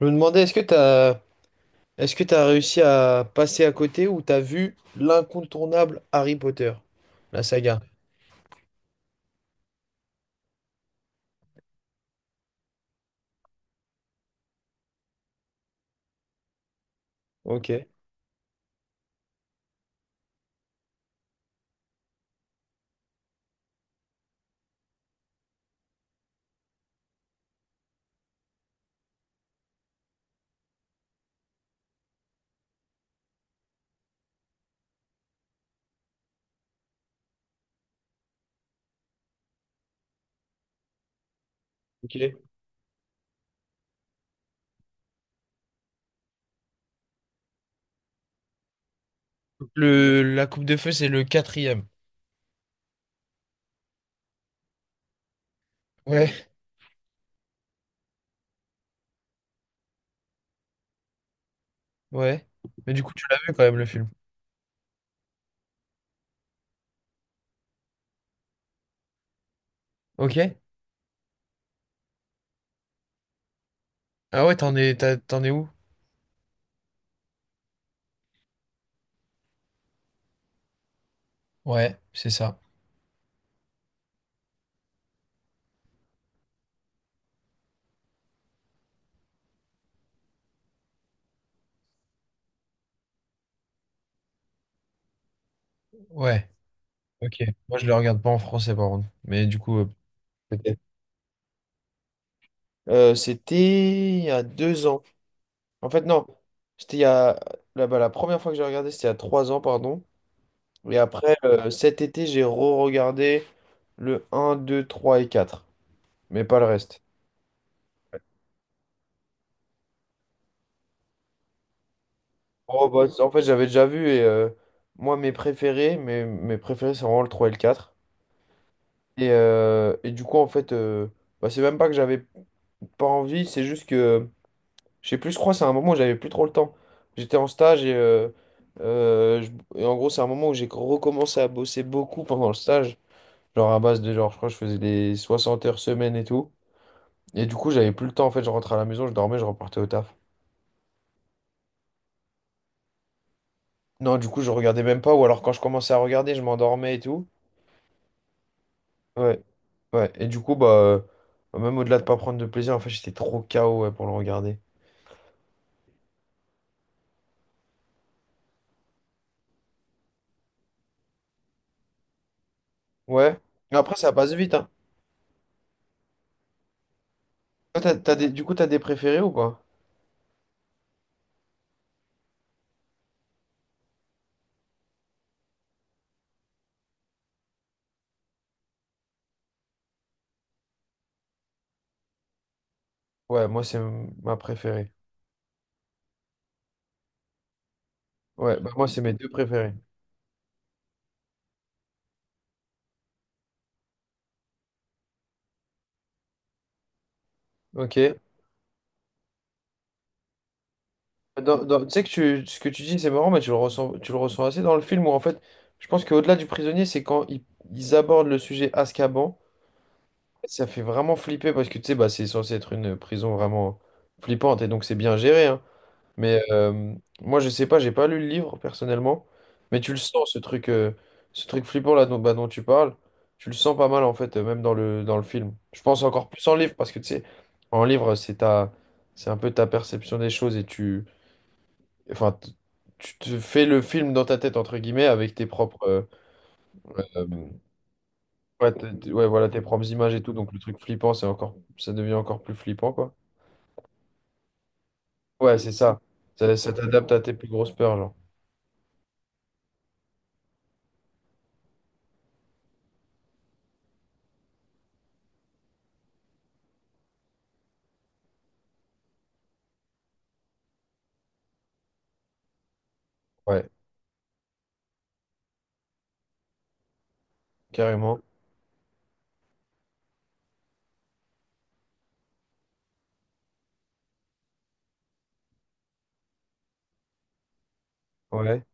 Je me demandais, est-ce que t'as réussi à passer à côté ou t'as vu l'incontournable Harry Potter, la saga? Ok, ok. Le, la Coupe de Feu, c'est le quatrième. Ouais, ouais. Mais du coup, tu l'as vu quand même, le film. Ok. Ah ouais, t'en es où? Ouais, c'est ça. Ouais, ok. Moi, je le regarde pas en français, par contre. Mais du coup, peut-être. C'était il y a 2 ans. En fait, non. C'était il y a... Là-bas, la première fois que j'ai regardé, c'était il y a 3 ans, pardon. Et après, cet été, j'ai re-regardé le un 2 3 et quatre, mais pas le reste. Oh, bah, en fait, j'avais déjà vu et moi, mes préférés, c'est vraiment le 3 et le quatre. Et du coup, en fait, bah, c'est même pas que j'avais pas envie, c'est juste que, je sais plus, je crois, c'est un moment où j'avais plus trop le temps. J'étais en stage et, et en gros, c'est un moment où j'ai recommencé à bosser beaucoup pendant le stage, genre à base de genre, je crois, que je faisais des 60 heures semaine et tout. Et du coup, j'avais plus le temps, en fait, je rentrais à la maison, je dormais, je repartais au taf. Non, du coup, je regardais même pas, ou alors quand je commençais à regarder, je m'endormais et tout. Ouais, ouais. Et du coup, bah, même au-delà de pas prendre de plaisir, en fait, j'étais trop KO, ouais, pour le regarder. Ouais. Mais après, ça passe vite, hein. Toi, t'as des... Du coup, t'as des préférés ou pas? Ouais, moi, ma préférée. Ouais, bah, moi, c'est mes deux préférés. Ok. Tu sais que tu, ce que tu dis, c'est marrant, mais tu le ressens assez dans le film où, en fait, je pense qu'au-delà du prisonnier, c'est quand ils abordent le sujet Azkaban. Ça fait vraiment flipper parce que tu sais, bah, c'est censé être une prison vraiment flippante et donc c'est bien géré, hein. Mais moi, je sais pas, j'ai pas lu le livre personnellement, mais tu le sens ce truc flippant là dont, bah, dont tu parles, tu le sens pas mal en fait, même dans dans le film. Je pense encore plus en livre parce que tu sais, en livre, c'est un peu ta perception des choses et tu, enfin, tu te fais le film dans ta tête entre guillemets avec tes propres, euh, ouais, ouais, voilà, tes propres images et tout, donc le truc flippant, c'est encore, ça devient encore plus flippant, quoi. Ouais, c'est ça. Ça t'adapte à tes plus grosses peurs, genre. Ouais, carrément. Ouais.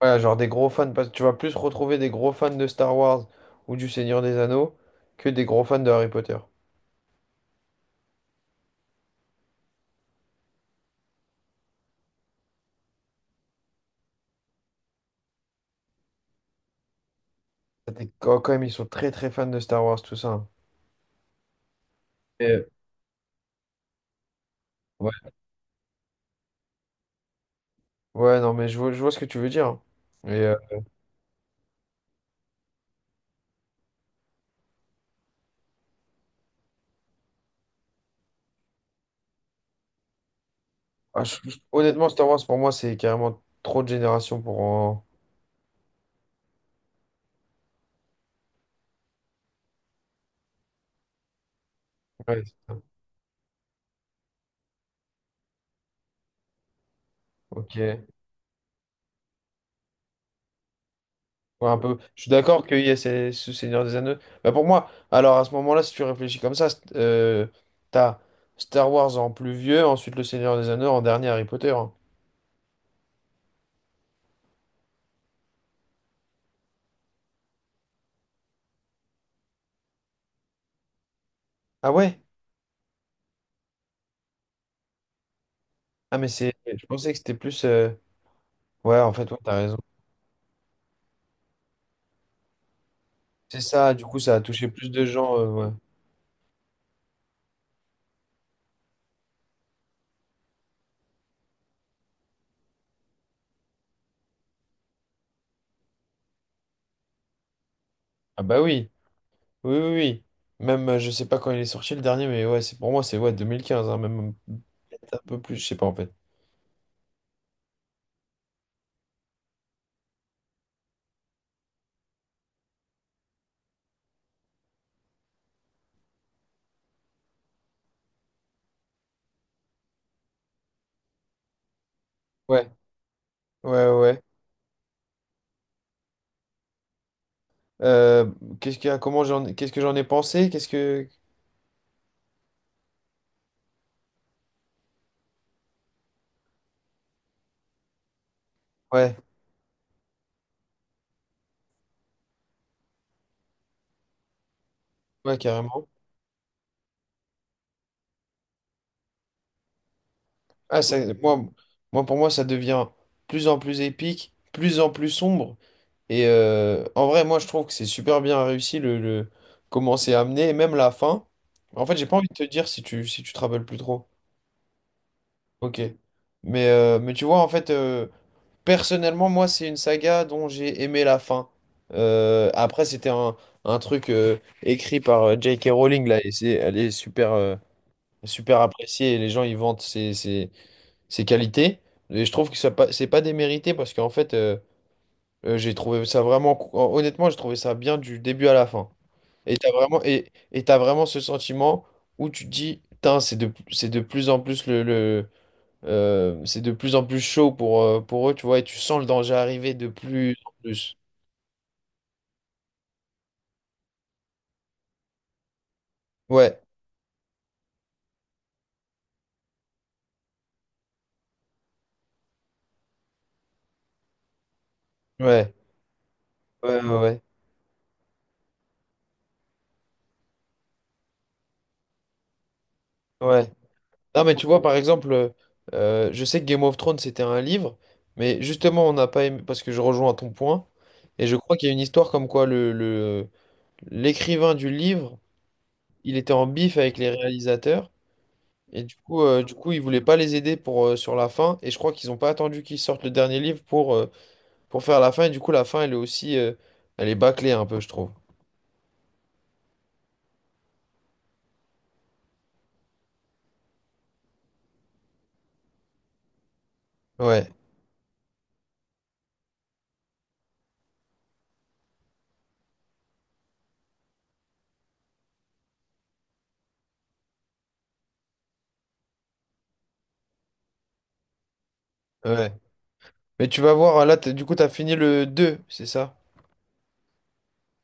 Ouais, genre des gros fans, parce que tu vas plus retrouver des gros fans de Star Wars ou du Seigneur des Anneaux que des gros fans de Harry Potter. Ça, quand quand même, ils sont très très fans de Star Wars, tout ça, hein. Et, ouais. Ouais, non, mais je vois ce que tu veux dire, hein. Et, ah, honnêtement, Star Wars, pour moi, c'est carrément trop de générations pour en... Ouais, c'est ça. Ok. Ouais, un peu. Je suis d'accord qu'il y a ce Seigneur des Anneaux. Bah pour moi, alors à ce moment-là, si tu réfléchis comme ça, t'as Star Wars en plus vieux, ensuite le Seigneur des Anneaux, en dernier Harry Potter, hein. Ah ouais? Ah mais c'est. Je pensais que c'était plus. Ouais, en fait, ouais, t'as raison. C'est ça, du coup, ça a touché plus de gens, ouais. Ah bah oui, oui, oui, oui. Même, je sais pas quand il est sorti le dernier, mais ouais, c'est pour moi, c'est ouais, 2015, hein, même peut-être un peu plus, je sais pas en fait. Ouais, ouais, ouais. Euh, qu'est-ce qu'il a, comment j'en, qu'est-ce que j'en ai pensé? Qu'est-ce que. Ouais. Ouais, carrément. Ah, ça, moi, moi, pour moi, ça devient plus en plus épique, plus en plus sombre. Et en vrai, moi, je trouve que c'est super bien réussi le comment c'est amené, et même la fin. En fait, j'ai pas envie de te dire si tu, si tu te rappelles plus trop. Ok. Mais tu vois, en fait, personnellement, moi, c'est une saga dont j'ai aimé la fin. Après, c'était un truc écrit par J.K. Rowling, là, et c'est, elle est super, super appréciée, et les gens, ils vantent ses qualités. Et je trouve que ça pas- c'est pas démérité parce qu'en fait, j'ai trouvé ça vraiment. Honnêtement, j'ai trouvé ça bien du début à la fin. Et t'as vraiment, et t'as vraiment ce sentiment où tu te dis, putain, c'est de plus en plus c'est de plus en plus chaud pour eux, tu vois, et tu sens le danger arriver de plus en plus. Ouais, ouais, ouais, ouais, ouais, ouais. Non, mais tu vois, par exemple, je sais que Game of Thrones, c'était un livre, mais justement, on n'a pas aimé, parce que je rejoins ton point, et je crois qu'il y a une histoire comme quoi l'écrivain du livre, il était en bif avec les réalisateurs, et du coup, il voulait pas les aider pour, sur la fin, et je crois qu'ils n'ont pas attendu qu'ils sortent le dernier livre pour faire la fin, et du coup, la fin, elle est aussi, elle est bâclée un peu, je trouve. Ouais, ouais. Mais tu vas voir, là, du coup, tu as fini le 2 c'est ça?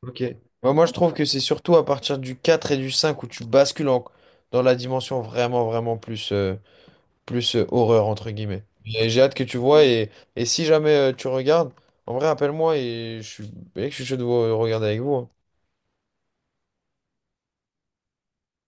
Ok. Bah, moi, je trouve que c'est surtout à partir du 4 et du 5 où tu bascules dans la dimension vraiment plus, plus horreur, entre guillemets. Et j'ai hâte que tu vois et si jamais tu regardes, en vrai, appelle-moi et je suis, mec, je suis chaud de vous regarder avec vous, hein.